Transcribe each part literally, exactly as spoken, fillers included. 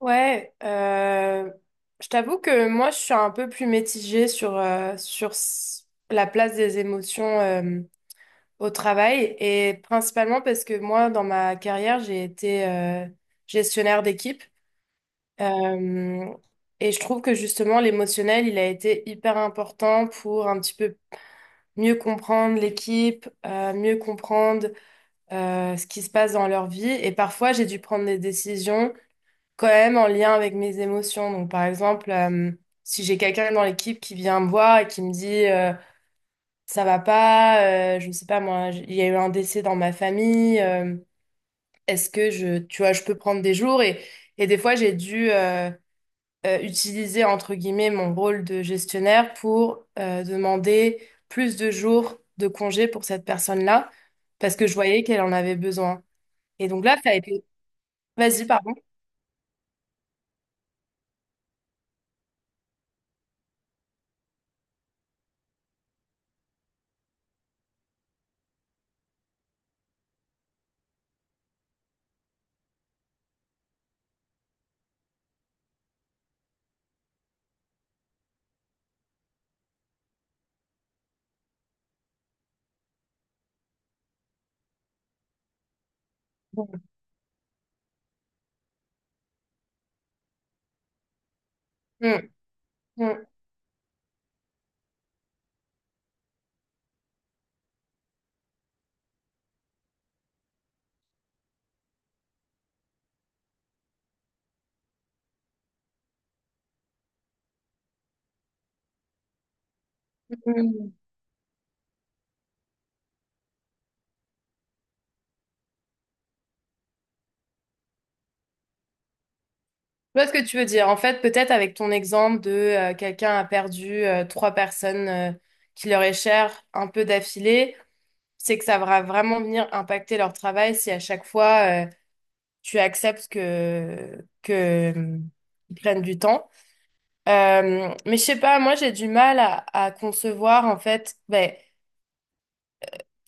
Ouais, euh, je t'avoue que moi je suis un peu plus mitigée sur, euh, sur s- la place des émotions euh, au travail, et principalement parce que moi dans ma carrière j'ai été euh, gestionnaire d'équipe. Euh, et je trouve que justement l'émotionnel il a été hyper important pour un petit peu mieux comprendre l'équipe, euh, mieux comprendre euh, ce qui se passe dans leur vie, et parfois j'ai dû prendre des décisions quand même en lien avec mes émotions. Donc, par exemple, euh, si j'ai quelqu'un dans l'équipe qui vient me voir et qui me dit euh, ça va pas, euh, je sais pas moi, j- il y a eu un décès dans ma famille, euh, est-ce que je, tu vois, je peux prendre des jours, et, et des fois j'ai dû euh, euh, utiliser entre guillemets mon rôle de gestionnaire pour euh, demander plus de jours de congé pour cette personne-là, parce que je voyais qu'elle en avait besoin. Et donc là, ça a été. Vas-y, pardon. Mm, mm, mm. Je vois ce que tu veux dire. En fait, peut-être avec ton exemple de euh, quelqu'un a perdu euh, trois personnes euh, qui leur est chère un peu d'affilée, c'est que ça va vraiment venir impacter leur travail si à chaque fois euh, tu acceptes que que euh, ils prennent du temps. Euh, mais je sais pas, moi j'ai du mal à, à concevoir en fait. Ben,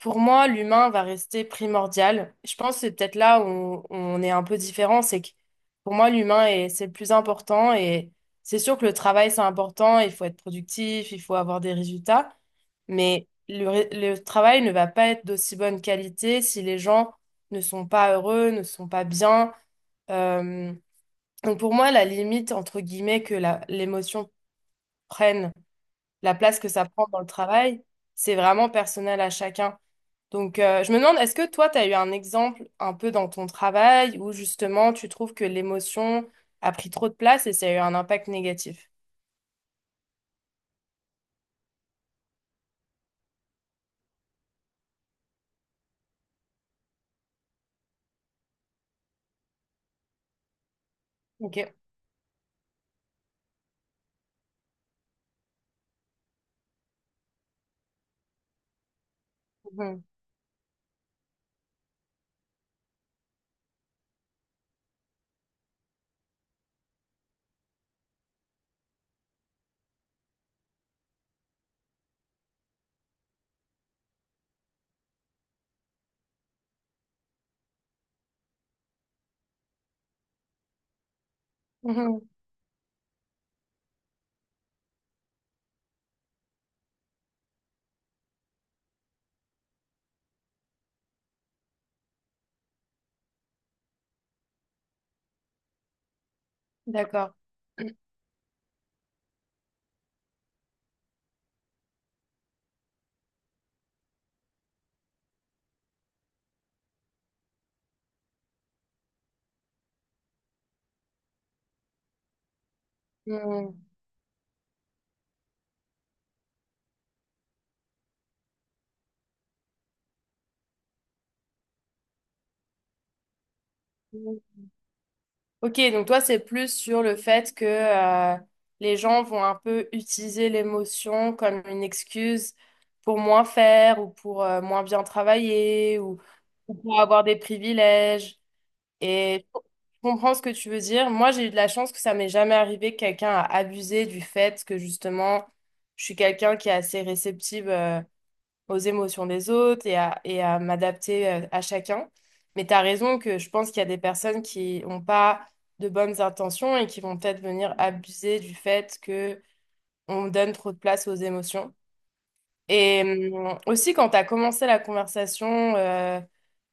pour moi, l'humain va rester primordial. Je pense que c'est peut-être là où où on est un peu différent, c'est que pour moi, l'humain est, c'est le plus important, et c'est sûr que le travail, c'est important, il faut être productif, il faut avoir des résultats, mais le, ré- le travail ne va pas être d'aussi bonne qualité si les gens ne sont pas heureux, ne sont pas bien. Euh, donc pour moi, la limite, entre guillemets, que la- l'émotion prenne, la place que ça prend dans le travail, c'est vraiment personnel à chacun. Donc, euh, je me demande, est-ce que toi, tu as eu un exemple un peu dans ton travail où justement tu trouves que l'émotion a pris trop de place et ça a eu un impact négatif? Ok. Mhm. Mhm. D'accord. Mhm. Mhm. Ok, donc toi, c'est plus sur le fait que euh, les gens vont un peu utiliser l'émotion comme une excuse pour moins faire, ou pour euh, moins bien travailler, ou, ou pour avoir des privilèges. Et je comprends ce que tu veux dire. Moi, j'ai eu de la chance que ça m'est jamais arrivé que quelqu'un a abusé du fait que justement, je suis quelqu'un qui est assez réceptive euh, aux émotions des autres, et à, et à m'adapter euh, à chacun. Mais tu as raison que je pense qu'il y a des personnes qui n'ont pas de bonnes intentions et qui vont peut-être venir abuser du fait que on donne trop de place aux émotions. Et euh, aussi, quand tu as commencé la conversation, euh,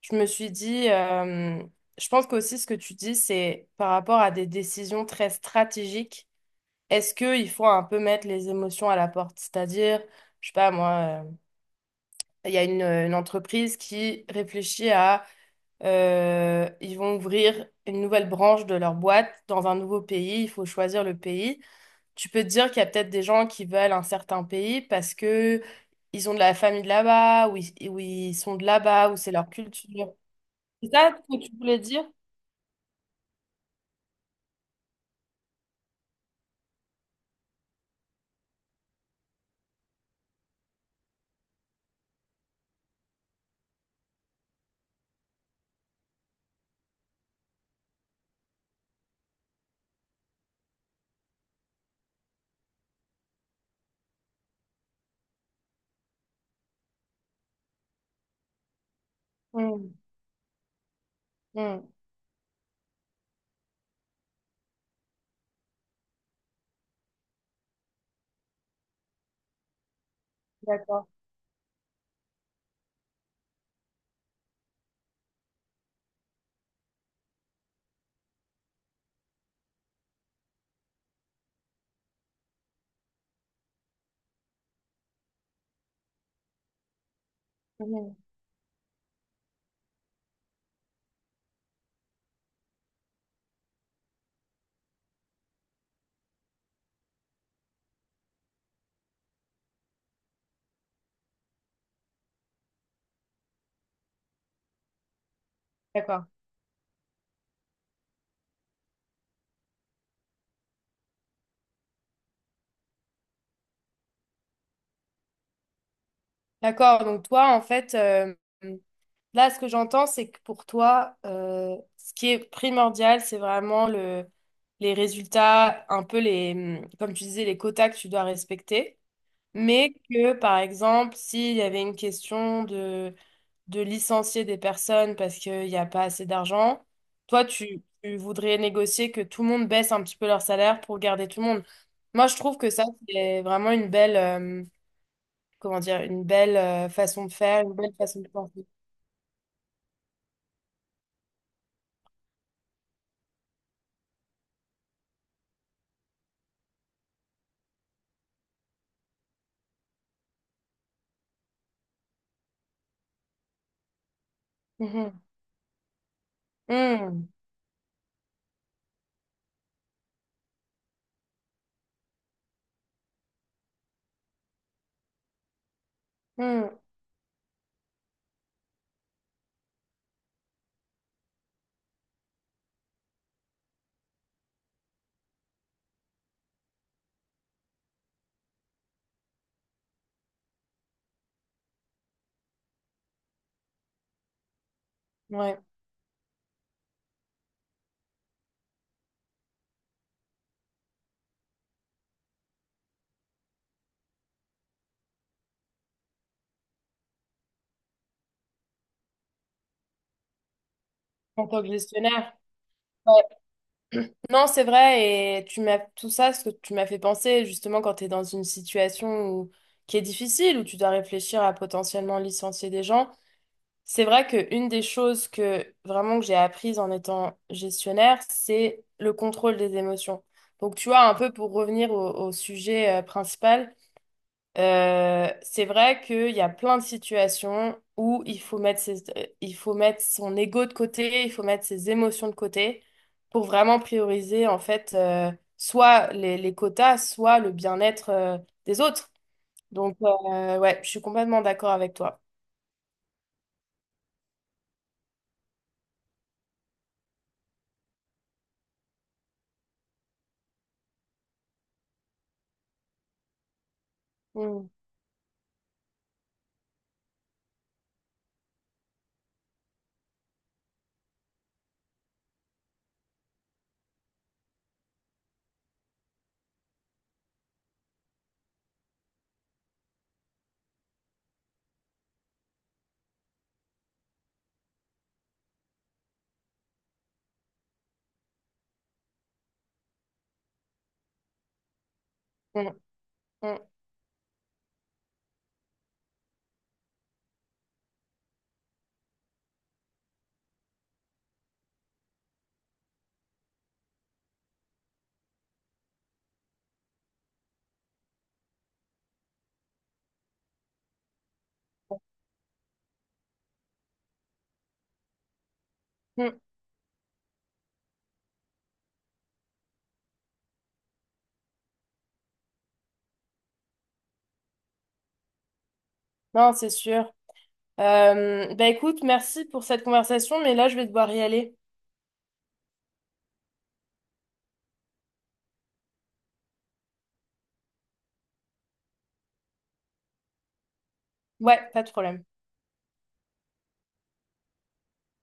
je me suis dit, euh, je pense qu'aussi ce que tu dis, c'est par rapport à des décisions très stratégiques, est-ce qu'il faut un peu mettre les émotions à la porte? C'est-à-dire, je sais pas, moi, euh, il y a une, une entreprise qui réfléchit à, euh, ils vont ouvrir une nouvelle branche de leur boîte dans un nouveau pays, il faut choisir le pays. Tu peux te dire qu'il y a peut-être des gens qui veulent un certain pays parce que ils ont de la famille de là-bas, ou ils, ou ils sont de là-bas, ou c'est leur culture. C'est ça ce que tu voulais dire? Hmm, hmm, d'accord. Hmm, d'accord. D'accord. Donc toi, en fait, euh, là, ce que j'entends, c'est que pour toi, euh, ce qui est primordial, c'est vraiment le, les résultats, un peu les, hum, comme tu disais, les quotas que tu dois respecter. Mais que, par exemple, s'il y avait une question de licencier des personnes parce qu'il n'y a pas assez d'argent. Toi, tu, tu voudrais négocier que tout le monde baisse un petit peu leur salaire pour garder tout le monde. Moi, je trouve que ça, c'est vraiment une belle, euh, comment dire, une belle euh, façon de faire, une belle façon de penser. Mhm. Mhm. Mhm. Ouais. En tant que gestionnaire. Ouais. Non, c'est vrai, et tu m'as tout ça, ce que tu m'as fait penser, justement, quand tu es dans une situation où- qui est difficile, où tu dois réfléchir à potentiellement licencier des gens. C'est vrai qu'une des choses que vraiment que j'ai apprises en étant gestionnaire, c'est le contrôle des émotions. Donc, tu vois, un peu pour revenir au, au sujet euh, principal, euh, c'est vrai qu'il y a plein de situations où il faut mettre ses- euh, il faut mettre son ego de côté, il faut mettre ses émotions de côté pour vraiment prioriser, en fait, euh, soit les, les quotas, soit le bien-être, euh, des autres. Donc, euh, ouais, je suis complètement d'accord avec toi. Mm, mm, mm, mm. Non, c'est sûr. Euh, bah écoute, merci pour cette conversation, mais là, je vais devoir y aller. Ouais, pas de problème.